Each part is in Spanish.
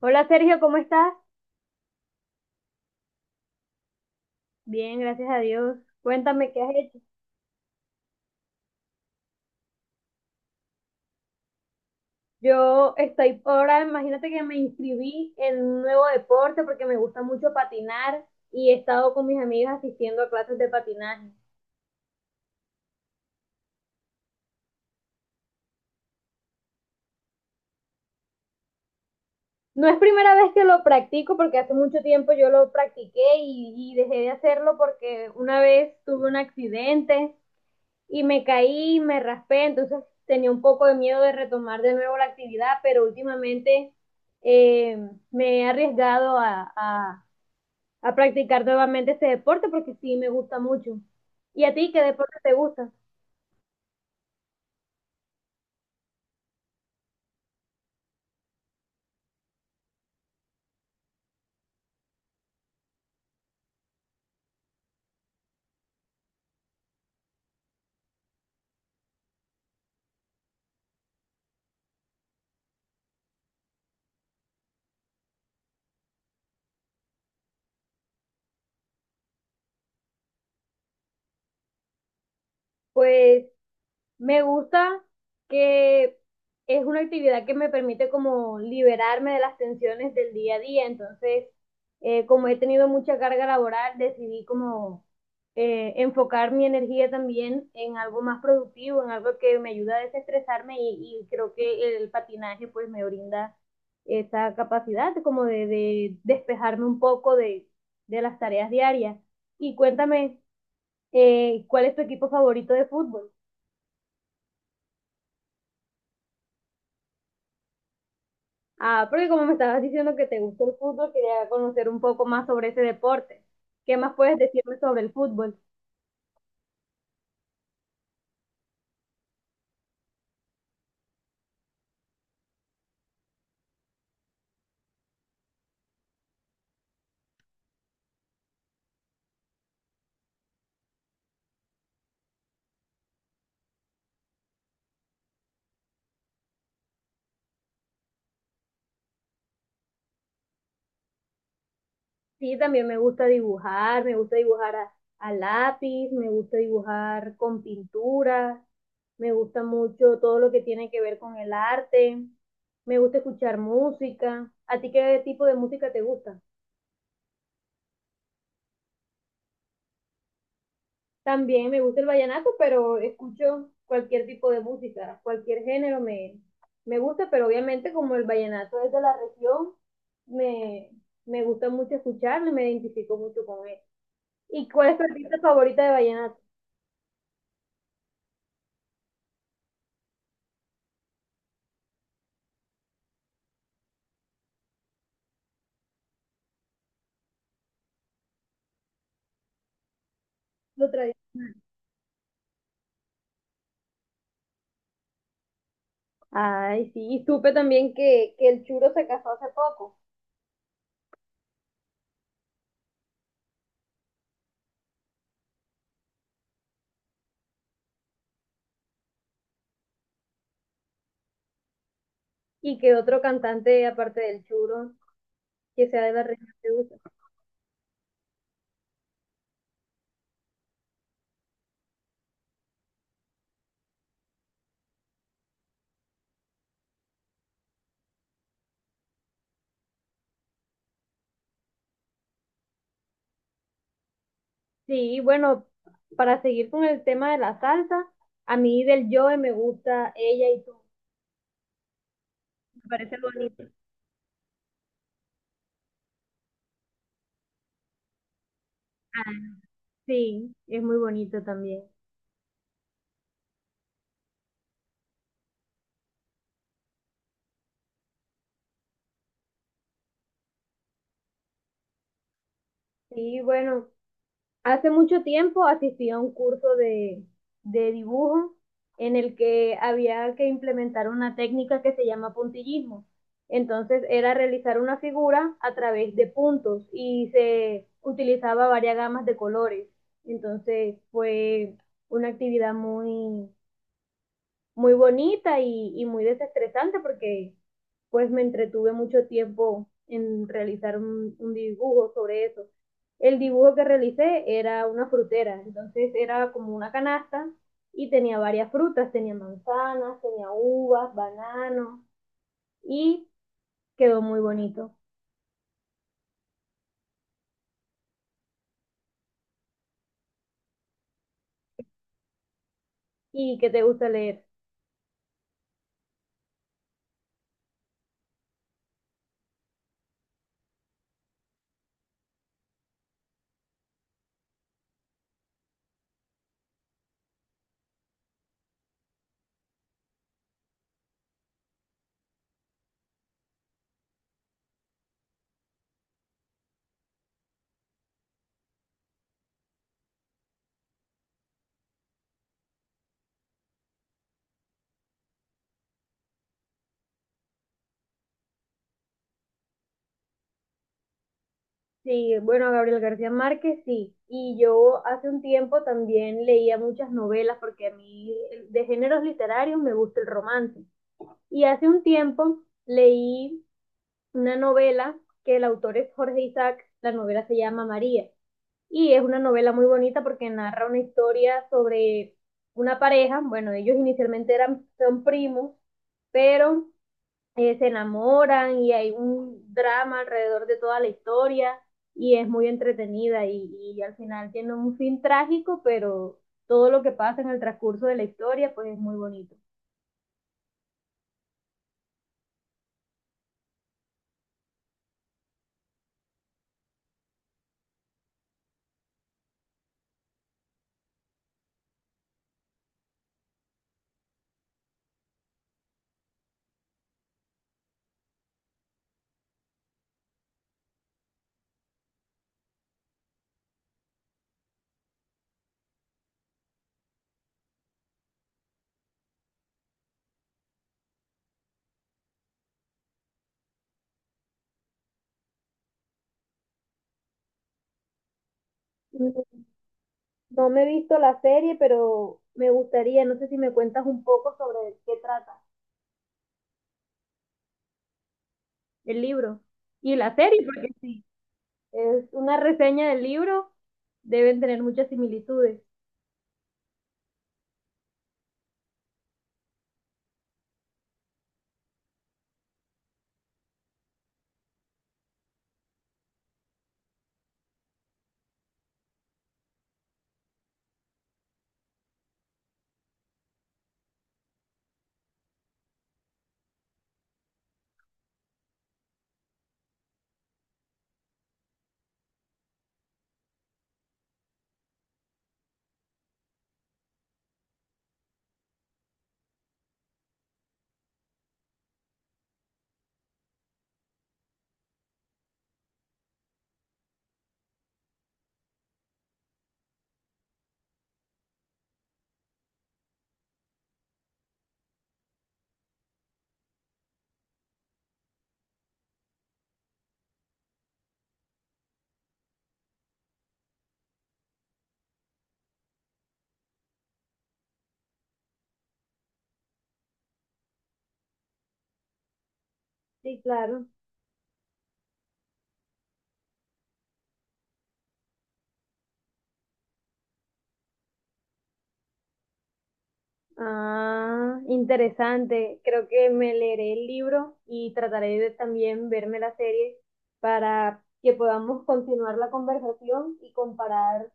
Hola Sergio, ¿cómo estás? Bien, gracias a Dios. Cuéntame qué has hecho. Yo estoy ahora, imagínate que me inscribí en un nuevo deporte porque me gusta mucho patinar y he estado con mis amigas asistiendo a clases de patinaje. No es primera vez que lo practico porque hace mucho tiempo yo lo practiqué y dejé de hacerlo porque una vez tuve un accidente y me caí, me raspé. Entonces tenía un poco de miedo de retomar de nuevo la actividad, pero últimamente eh, me he arriesgado a practicar nuevamente este deporte porque sí me gusta mucho. ¿Y a ti qué deporte te gusta? Pues me gusta que es una actividad que me permite como liberarme de las tensiones del día a día. Entonces, como he tenido mucha carga laboral, decidí como enfocar mi energía también en algo más productivo, en algo que me ayuda a desestresarme y creo que el patinaje pues me brinda esa capacidad como de despejarme un poco de las tareas diarias. Y cuéntame, ¿cuál es tu equipo favorito de fútbol? Ah, porque como me estabas diciendo que te gusta el fútbol, quería conocer un poco más sobre ese deporte. ¿Qué más puedes decirme sobre el fútbol? Sí, también me gusta dibujar a lápiz, me gusta dibujar con pintura, me gusta mucho todo lo que tiene que ver con el arte, me gusta escuchar música. ¿A ti qué tipo de música te gusta? También me gusta el vallenato, pero escucho cualquier tipo de música, cualquier género me, me gusta, pero obviamente como el vallenato es de la región, me, me gusta mucho escucharlo y me identifico mucho con él. ¿Y cuál es tu artista favorita de vallenato? Lo tradicional. Ay, sí, y supe también que el Churo se casó hace poco, y que otro cantante, aparte del Churo, que sea de la región, te gusta. Sí, bueno, para seguir con el tema de la salsa, a mí del Joe me gusta Ella y Tú. Me parece bonito. Ah, sí, es muy bonito también. Sí, bueno. Hace mucho tiempo asistí a un curso de dibujo en el que había que implementar una técnica que se llama puntillismo. Entonces era realizar una figura a través de puntos y se utilizaba varias gamas de colores. Entonces fue una actividad muy, muy bonita y muy desestresante porque pues me entretuve mucho tiempo en realizar un dibujo sobre eso. El dibujo que realicé era una frutera, entonces era como una canasta y tenía varias frutas, tenía manzanas, tenía uvas, bananos y quedó muy bonito. ¿Y qué te gusta leer? Sí, bueno, Gabriel García Márquez, sí. Y yo hace un tiempo también leía muchas novelas porque a mí de géneros literarios me gusta el romance. Y hace un tiempo leí una novela que el autor es Jorge Isaac, la novela se llama María y es una novela muy bonita porque narra una historia sobre una pareja. Bueno, ellos inicialmente eran son primos, pero se enamoran y hay un drama alrededor de toda la historia y es muy entretenida y al final tiene un fin trágico, pero todo lo que pasa en el transcurso de la historia pues es muy bonito. No me he visto la serie, pero me gustaría, no sé si me cuentas un poco sobre qué trata. El libro y la serie, porque sí, es una reseña del libro, deben tener muchas similitudes. Sí, claro. Ah, interesante. Creo que me leeré el libro y trataré de también verme la serie para que podamos continuar la conversación y comparar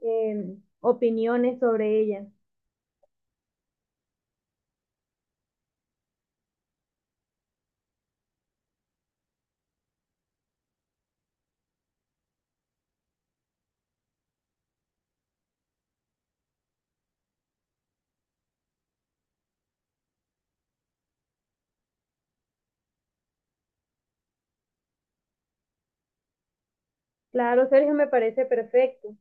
opiniones sobre ella. Claro, Sergio, me parece perfecto.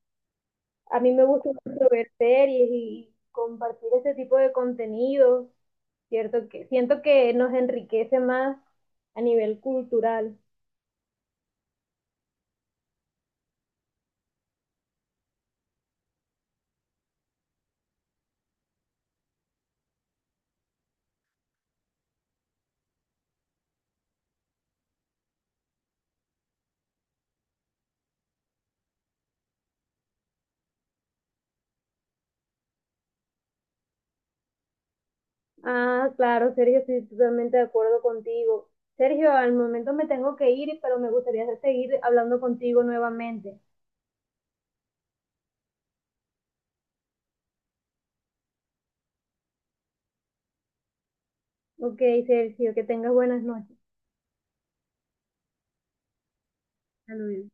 A mí me gusta mucho ver series y compartir ese tipo de contenidos. Cierto que siento que nos enriquece más a nivel cultural. Ah, claro, Sergio, estoy totalmente de acuerdo contigo. Sergio, al momento me tengo que ir, pero me gustaría seguir hablando contigo nuevamente. Ok, Sergio, que tengas buenas noches. Saludos.